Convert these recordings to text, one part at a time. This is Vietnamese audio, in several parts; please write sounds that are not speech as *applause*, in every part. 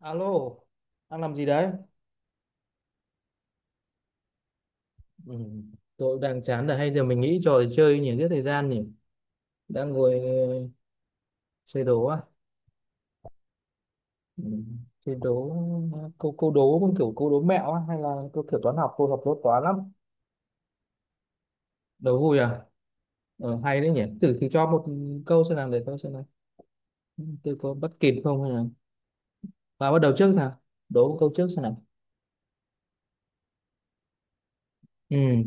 Alo, đang làm gì đấy? Ừ, tôi cũng đang chán rồi, hay giờ mình nghĩ trò để chơi nhỉ, giết thời gian nhỉ. Đang ngồi chơi đố à? Ừ, chơi đố câu câu đố cũng kiểu câu đố mẹo á, hay là câu kiểu toán học, câu học đố toán lắm. Đố vui à? Ờ, hay đấy nhỉ. Thử thử cho một câu xem nào để tôi xem nào. Tôi có bắt kịp không hay là và bắt đầu trước nào. Đố một câu trước xem nào. Ừ,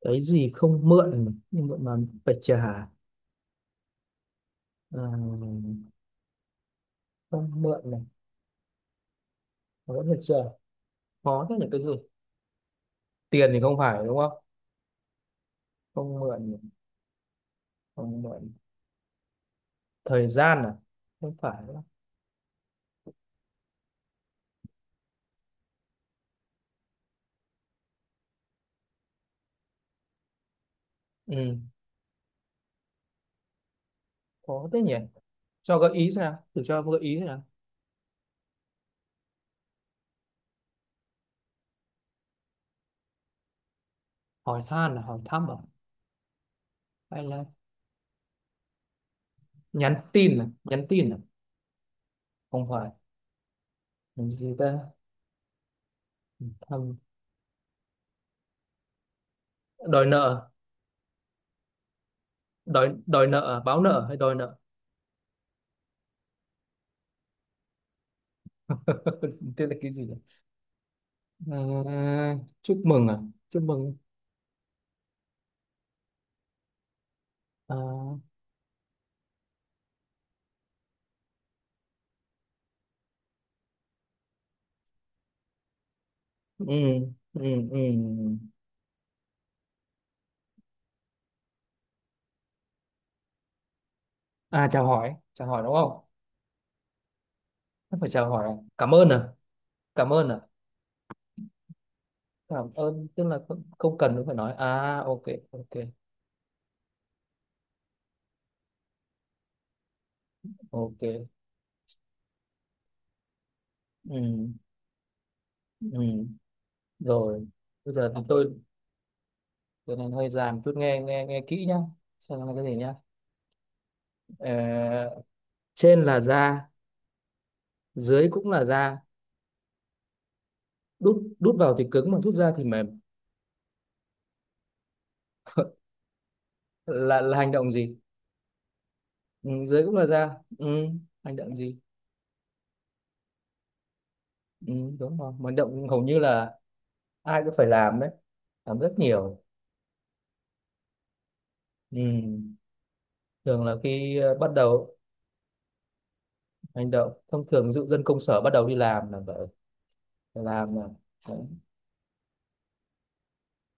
cái gì không mượn nhưng mượn mà phải trả. Ờ, không mượn này, mà vẫn phải trả. Khó thế nhỉ, cái gì? Tiền thì không phải đúng không, không mượn, không mượn thời gian à, không phải đúng không? Ừ, có thế nhỉ, cho gợi ý xem nào, thử cho gợi ý xem nào. Hỏi han là hỏi thăm à, hay là nhắn tin à, nhắn tin à, không phải. Làm gì ta, thăm, đòi nợ, đòi đòi nợ à? Báo nợ hay đòi nợ? *laughs* Tên là cái gì nhỉ? Ờ, chúc mừng à, chúc mừng à, ừ, ừ, ừ. À, chào hỏi, chào hỏi đúng không? Không phải chào hỏi à? Cảm ơn à, cảm ơn à, cảm ơn tức là không, không cần phải nói à, ok, ok, ok, ừ, ừ. Rồi bây giờ thì tôi nên hơi dài một chút, nghe nghe nghe kỹ nhá, xem nó là cái gì nhá. Ờ, trên là da, dưới cũng là da, đút đút vào thì cứng mà rút ra thì mềm. *laughs* Là hành động gì, ừ, dưới cũng là da, ừ, hành động gì, ừ, đúng rồi. Mà hành động hầu như là ai cũng phải làm đấy, làm rất nhiều, ừ. Thường là khi bắt đầu hành động thông thường, ví dụ dân công sở bắt đầu đi làm là vậy, làm là đấy.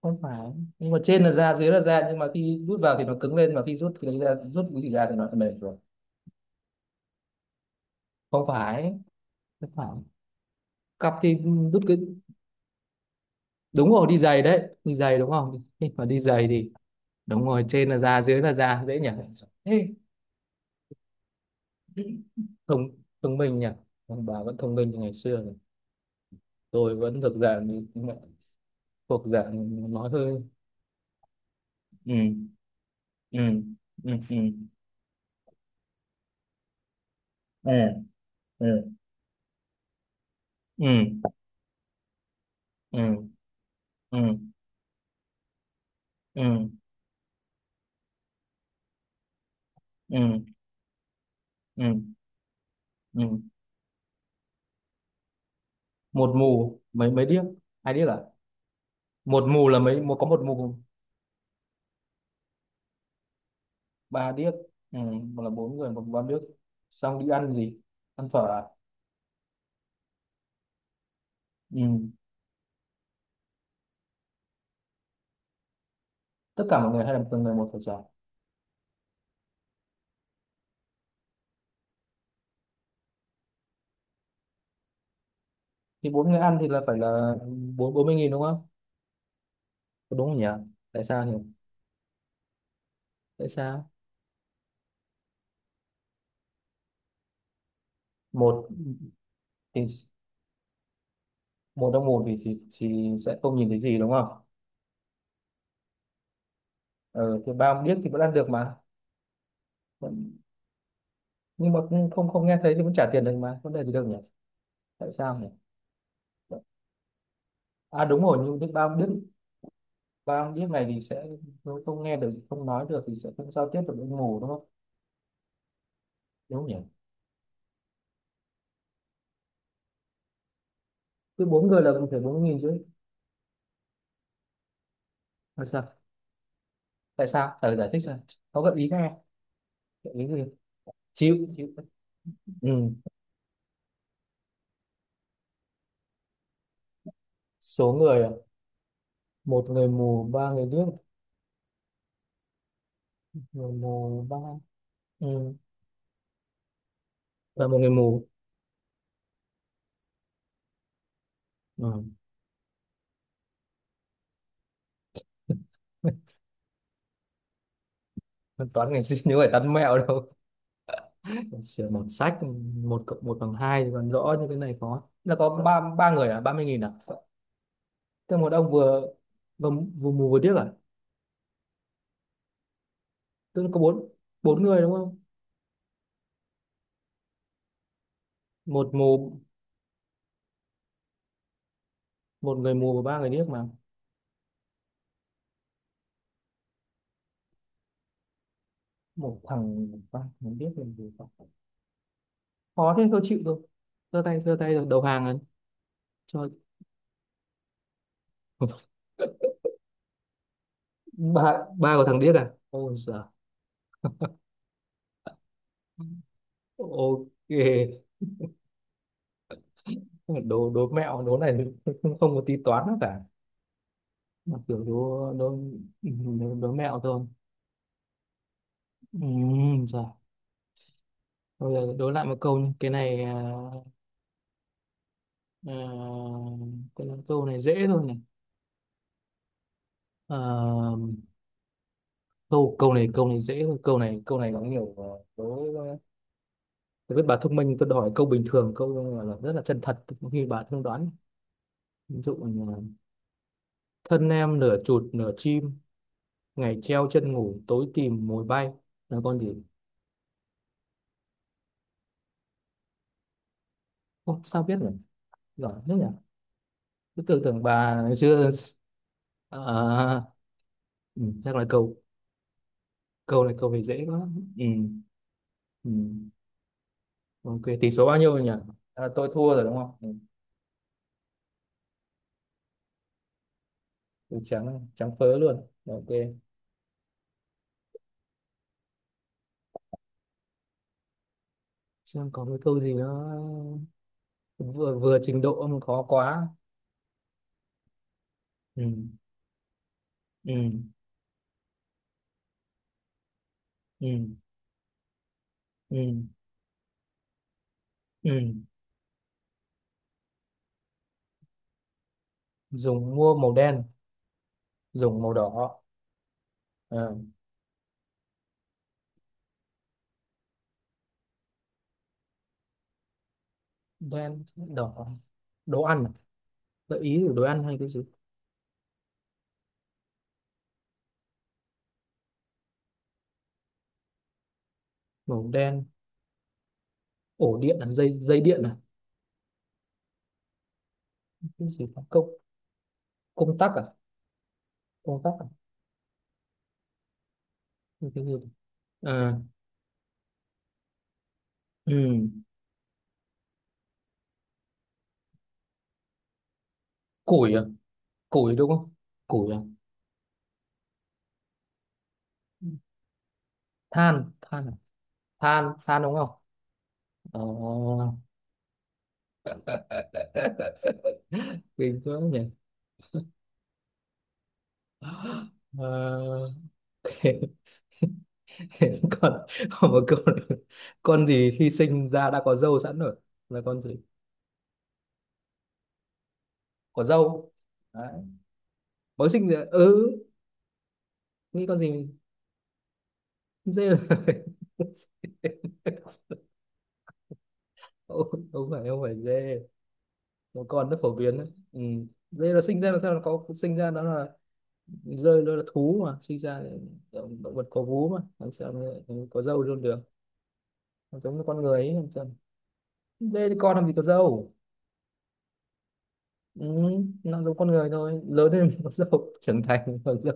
Không phải, nhưng mà trên là da dưới là da, nhưng mà khi rút vào thì nó cứng lên, mà khi rút thì ra, rút cái gì ra thì nó lại mềm rồi. Không phải, không phải, cặp thì, rút cái, đúng rồi đi giày đấy, đi giày đúng không, nhưng mà đi giày thì đúng rồi, trên là da dưới là da, dễ nhỉ. Ê, thông, thông minh nhỉ, ông bà vẫn thông minh như ngày xưa rồi. Tôi vẫn thực dạng, thuộc dạng, nói hơi, ừ, ừ, ừ, ừ, ừ, ừ, ừ, ừ, ừ, ừ, ừ, ừ, ừ. Một mù mấy mấy điếc, hai điếc à, một mù là mấy, một có một mù, ba điếc, ừ, một là bốn người một ba điếc, xong đi ăn gì, ăn phở à, ừ, tất cả mọi người hay là từng người một phải trả? Thì bốn người ăn thì là phải là bốn bốn mươi nghìn đúng không? Có đúng không nhỉ, tại sao nhỉ, tại sao, một thì một trong một thì sẽ không nhìn thấy gì đúng không? Ừ, thì ba điếc thì vẫn ăn được mà. Nhưng mà cũng không, không nghe thấy thì vẫn trả tiền được mà, vấn đề gì đâu nhỉ, tại sao nhỉ? À đúng rồi, nhưng biết bao biết, bao biết này thì sẽ không, không nghe được không nói được thì sẽ không giao tiếp được với mù đúng không, đúng không nhỉ? Cứ bốn người là cũng phải 4.000 chứ. Tại sao, tại sao thử giải thích xem, có gợi ý nghe, gợi ý gì, chịu chịu, ừ. Số người à? Một người mù ba người điếc, người mù ba, ừ. Và một người mù, ừ. *laughs* Toán ngày xưa nhớ phải tán mẹo đâu, sửa một sách, một cộng một bằng hai thì còn rõ, như cái này có là có ba ba người à, 30.000 à, tức là một ông vừa, vừa, vừa mù vừa điếc à? Tức là có bốn, bốn người đúng không, một mù, một người mù và ba người điếc mà, một thằng, ba người điếc mình thì khó. Khó thế tôi chịu thôi, giơ tay rồi, đầu hàng rồi, cho, *laughs* ba, ba của thằng điếc à, ôi giời. Ok đố đố mẹo đố này *laughs* không có tí toán nào cả, một kiểu đố đố, đố, đố mẹo thôi. Ừ, rồi bây giờ đố lại một câu nhé, cái này à, cái này, câu này dễ thôi này, à, câu câu này dễ thôi, câu này có nhiều đố tôi biết bà thông minh, tôi đòi câu bình thường, câu là rất là chân thật, có khi bà không đoán. Ví dụ như là, thân em nửa chuột nửa chim, ngày treo chân ngủ tối tìm mồi bay, là con gì? Ô, sao biết nhỉ, giỏi thế nhỉ, tôi tưởng tưởng bà ngày xưa. À, ừ, chắc là câu, câu này dễ quá, ừ, ừ. Ok tỷ số bao nhiêu rồi nhỉ, à, tôi thua rồi đúng không, ừ. Tôi trắng trắng phớ luôn, ok. Xem có cái câu gì nó vừa vừa trình độ mà khó quá, ừ, ừ, ừ, ừ, ừ. Dùng mua màu đen, dùng màu đỏ. Ờ, đen đỏ, đồ ăn à? Gợi ý của đồ ăn hay cái gì? Màu đen, ổ điện là dây dây điện à, cái gì, công, công tắc à, công tắc à, hay cái gì, ờ, ừ. Củi à? Củi đúng không, củi à? Than than à? Than than đúng không? Ờ... *laughs* Kinh quá nhỉ. Ờ... *laughs* Còn, còn một câu nữa, con gì khi sinh ra đã có râu sẵn rồi, là con gì, có râu, đấy, mới sinh ra, ừ, nghĩ con gì, dê là- *laughs* Không, không phải, không phải dê, một con rất phổ biến đấy, ừ. Dê là sinh ra là sao nó có, sinh ra nó là, rơi nó là thú mà, sinh ra là động, động vật có vú mà, làm sao mà có râu luôn được, nó giống như con người ấy, làm sao đây thì con làm gì có râu, ừ, nó giống con người thôi, lớn lên *laughs* mới có râu, trưởng thành có râu,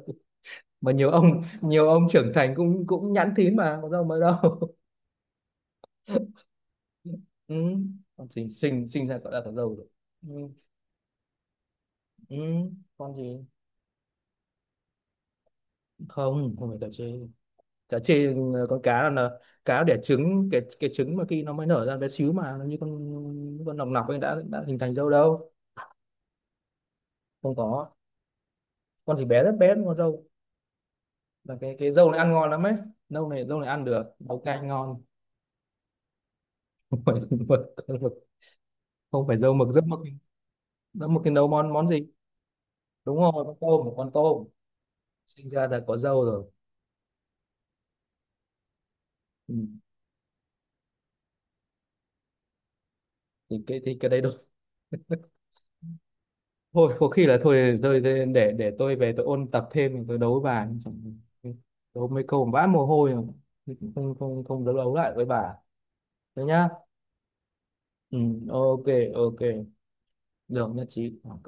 mà nhiều ông trưởng thành cũng cũng nhẵn thín mà, có râu mới đâu. *laughs* Ừ. Con sinh sinh sinh ra gọi là có râu rồi, ừ. Ừ, con gì, không không phải đợi chứ, cá chê, con cá là, cá đẻ trứng, cái trứng mà khi nó mới nở ra bé xíu mà nó như con nòng nọc ấy, đã hình thành râu đâu. Không có, con chỉ bé rất bé thôi, con râu là cái râu này ăn ngon lắm ấy, râu này ăn được nấu canh ngon. *laughs* Không phải mực, con mực. Không phải râu mực, rất mực, rất mực thì nấu món món gì. Đúng rồi, con tôm, một con tôm sinh ra là có râu rồi. Ừ. Thì cái thì cái đấy đúng, thôi có khi là thôi rồi, để tôi về tôi ôn tập thêm, tôi đấu với bà Chẳng- đấu mấy câu vã mồ hôi mà. Không không không đấu, đấu lại với bà thế nhá. Ừ, ok, ok, được nhất trí, ok.